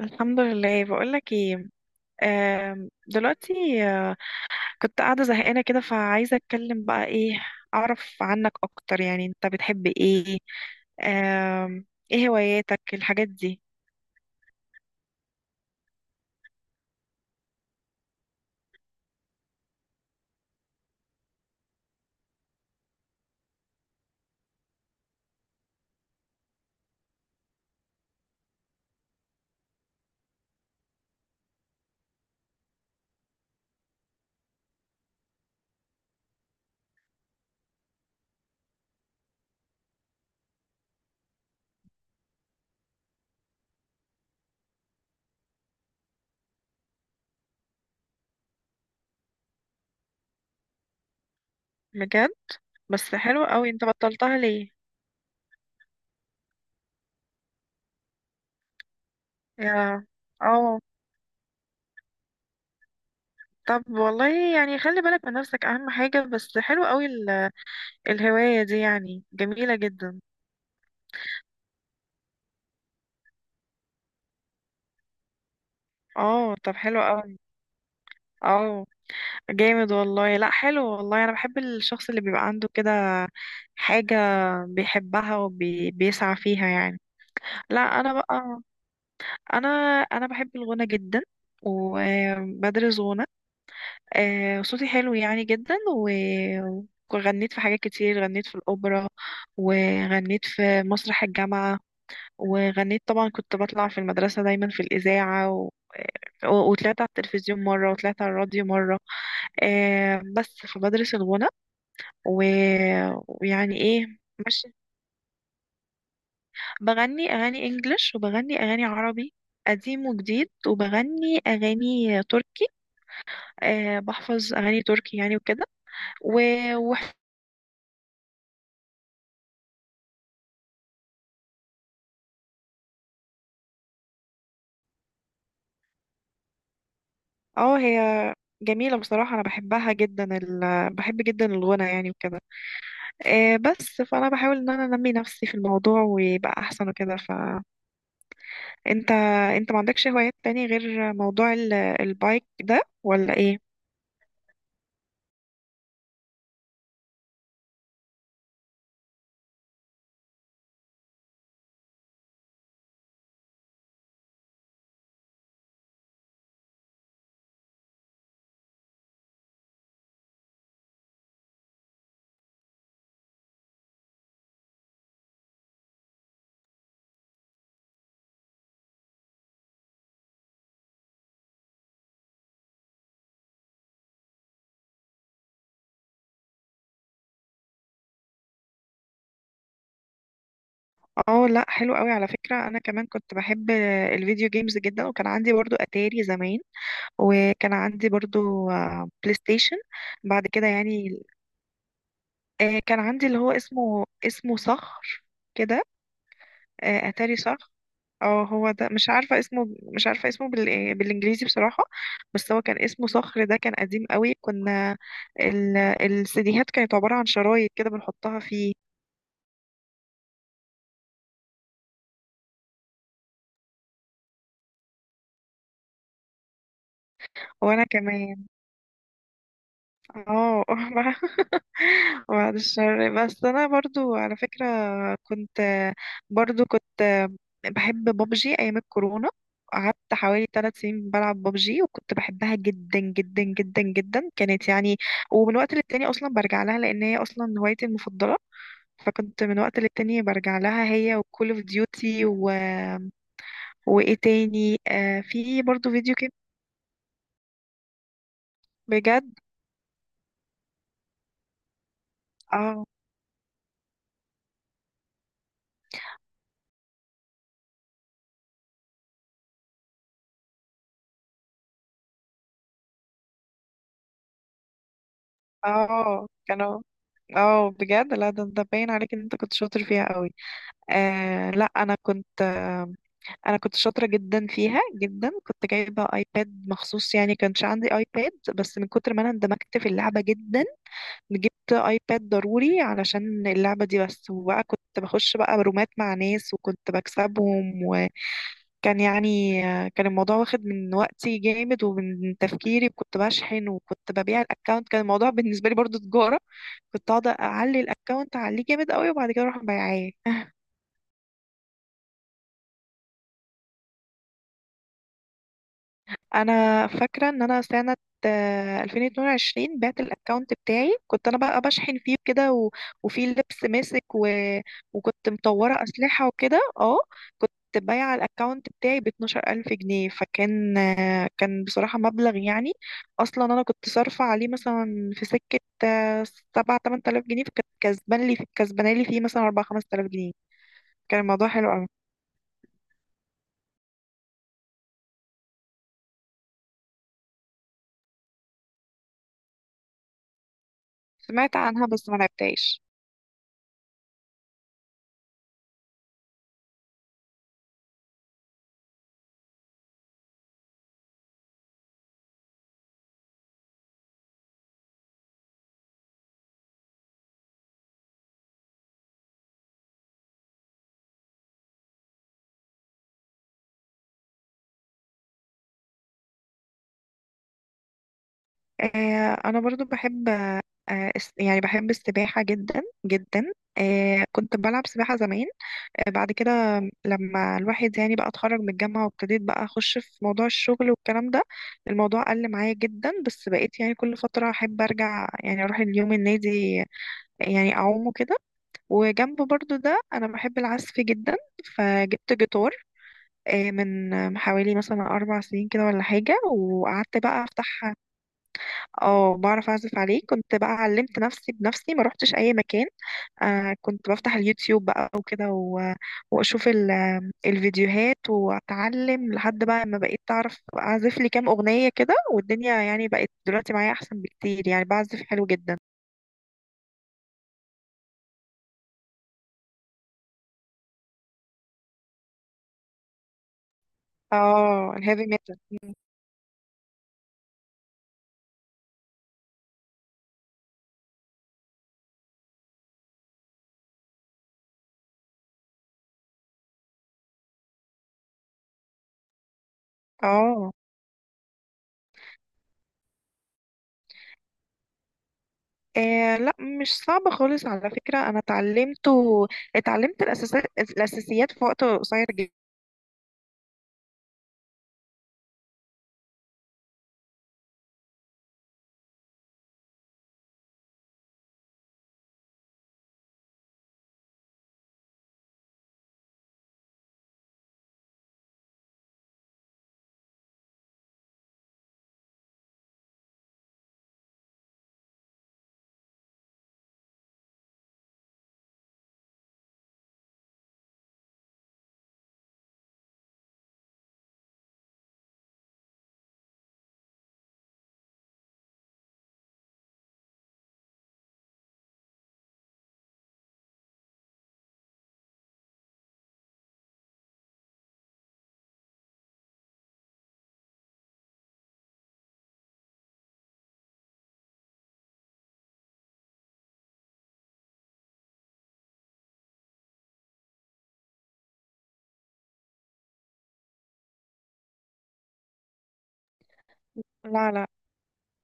الحمد لله، بقولك ايه. دلوقتي آه، كنت قاعدة زهقانة كده، فعايزة اتكلم بقى. ايه اعرف عنك اكتر، يعني انت بتحب ايه؟ آم، ايه هواياتك، الحاجات دي؟ بجد؟ بس حلو قوي، انت بطلتها ليه؟ يا. اه. طب والله يعني خلي بالك من نفسك اهم حاجة، بس حلو قوي الهواية دي يعني جميلة جدا. اه طب حلو قوي. اه جامد والله. لا حلو والله، انا بحب الشخص اللي بيبقى عنده كده حاجة بيحبها وبيسعى فيها يعني. لا انا بقى، انا انا بحب الغنى جدا وبدرس غنى. صوتي حلو يعني جدا و وغنيت في حاجات كتير. غنيت في الأوبرا، وغنيت في مسرح الجامعة، وغنيت طبعا. كنت بطلع في المدرسة دايما في الإذاعة، وطلعت على التلفزيون مرة وطلعت على الراديو مرة. بس فبدرس الغنى و... ويعني ايه. ماشي. بغني اغاني انجلش وبغني اغاني عربي قديم وجديد، وبغني اغاني تركي. أه بحفظ اغاني تركي يعني وكده. و... و... اه هي جميلة بصراحة، أنا بحبها جدا، بحب جدا الغنى يعني وكده. أه بس فأنا بحاول إن أنا أنمي نفسي في الموضوع ويبقى أحسن وكده. فأنت ما عندكش هوايات تاني غير موضوع البايك ده ولا إيه؟ اه لا حلو قوي على فكرة، انا كمان كنت بحب الفيديو جيمز جدا، وكان عندي برضو اتاري زمان، وكان عندي برضو بلاي ستيشن بعد كده يعني. كان عندي اللي هو اسمه صخر كده. اتاري صخر. اه هو ده مش عارفة اسمه، مش عارفة اسمه بالانجليزي بصراحة. بس هو كان اسمه صخر، ده كان قديم قوي. كنا السيديهات كانت عبارة عن شرايط كده بنحطها فيه. وانا كمان اه. بعد الشر. بس انا برضو على فكرة كنت برضو بحب بابجي ايام الكورونا. قعدت حوالي 3 سنين بلعب بابجي وكنت بحبها جدا جدا جدا جدا، كانت يعني. ومن وقت للتاني اصلا برجع لها، لان هي اصلا هوايتي المفضلة. فكنت من وقت للتاني برجع لها، هي وكول اوف ديوتي وايه تاني؟ آه في برضو فيديو جيم. بجد؟ اه اه. كانوا اه. بجد لا، ده انت باين عليك ان انت كنت شاطر فيها قوي. آه لا، انا كنت شاطره جدا فيها جدا، كنت جايبه ايباد مخصوص يعني. كانش عندي ايباد، بس من كتر ما انا اندمجت في اللعبه جدا جبت ايباد ضروري علشان اللعبه دي بس. وبقى كنت بخش بقى رومات مع ناس وكنت بكسبهم، كان يعني كان الموضوع واخد من وقتي جامد ومن تفكيري. كنت بشحن وكنت ببيع الاكونت، كان الموضوع بالنسبه لي برضو تجاره. كنت اقعد اعلي الاكونت اعليه جامد قوي وبعد كده اروح مبيعاه. انا فاكره ان انا سنه 2022 بعت الاكونت بتاعي، كنت انا بقى بشحن فيه كده وفيه لبس ماسك وكنت مطوره اسلحه وكده اه. كنت بايعه الاكونت بتاعي ب 12,000 جنيه، فكان آه، كان بصراحه مبلغ يعني. اصلا انا كنت صارفه عليه مثلا في سكه آه، 7 8,000 جنيه، فكانت كسبان لي، كسبانه لي فيه مثلا 4 5,000 جنيه. كان الموضوع حلو قوي. سمعت عنها بس ما لعبتهاش. انا برضو بحب، يعني بحب السباحة جدا جدا. كنت بلعب سباحة زمان. بعد كده لما الواحد يعني بقى اتخرج من الجامعة، وابتديت بقى اخش في موضوع الشغل والكلام ده، الموضوع قل معايا جدا. بس بقيت يعني كل فترة احب ارجع، يعني اروح اليوم النادي، يعني اعومه كده. وجنب برضو ده انا بحب العزف جدا، فجبت جيتار من حوالي مثلا 4 سنين كده ولا حاجة، وقعدت بقى افتح. اه بعرف اعزف عليه، كنت بقى علمت نفسي بنفسي ما روحتش اي مكان. كنت بفتح اليوتيوب بقى وكده واشوف الفيديوهات واتعلم لحد بقى ما بقيت اعرف اعزف لي كام اغنية كده. والدنيا يعني بقت دلوقتي معايا احسن بكتير، يعني بعزف حلو جدا. اه الهيفي ميتال. اه. آه لا، مش صعب خالص على فكرة، أنا اتعلمت الأساسات، الأساسيات في وقت قصير جدا. لا، لا،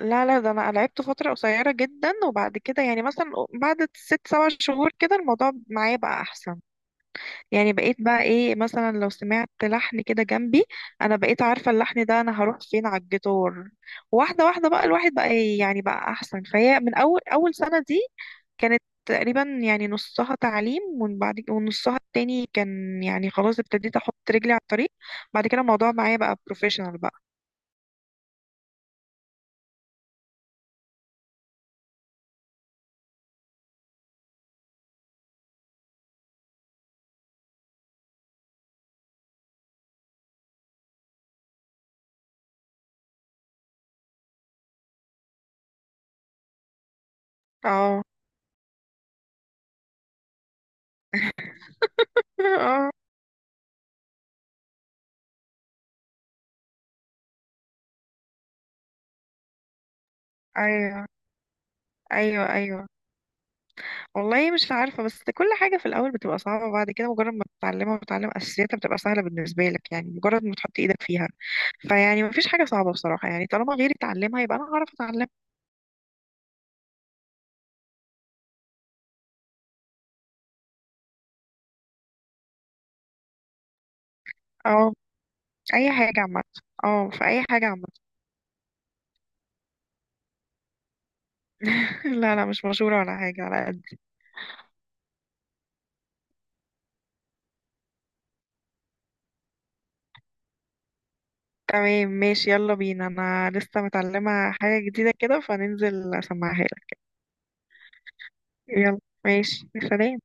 لا، لا، ده انا لعبته فتره قصيره جدا. وبعد كده يعني مثلا بعد ست سبع شهور كده الموضوع معايا بقى احسن. يعني بقيت بقى ايه، مثلا لو سمعت لحن كده جنبي، انا بقيت عارفه اللحن ده انا هروح فين على الجيتار. واحده واحده بقى الواحد بقى إيه، يعني بقى احسن. فهي من اول اول سنه دي كانت تقريبا يعني نصها تعليم، ومن بعد ونصها التاني كان يعني خلاص ابتديت احط رجلي على الطريق. بعد كده الموضوع معايا بقى بروفيشنال بقى. اه. اه. ايوه ايوه ايوه، والله مش عارفة، بس كل حاجة في الأول بتبقى صعبة وبعد كده مجرد ما تتعلمها وتتعلم أساسياتها بتبقى سهلة بالنسبة لك، يعني مجرد ما تحط إيدك فيها فيعني مفيش حاجة صعبة بصراحة. يعني طالما غيري اتعلمها يبقى أنا هعرف أتعلم. أه أي حاجة عامة. أه في أي حاجة عامة. لا لا مش مشهورة ولا حاجة على قد. تمام ماشي يلا بينا، أنا لسه متعلمة حاجة جديدة كده فننزل أسمعها لك. يلا ماشي سلام.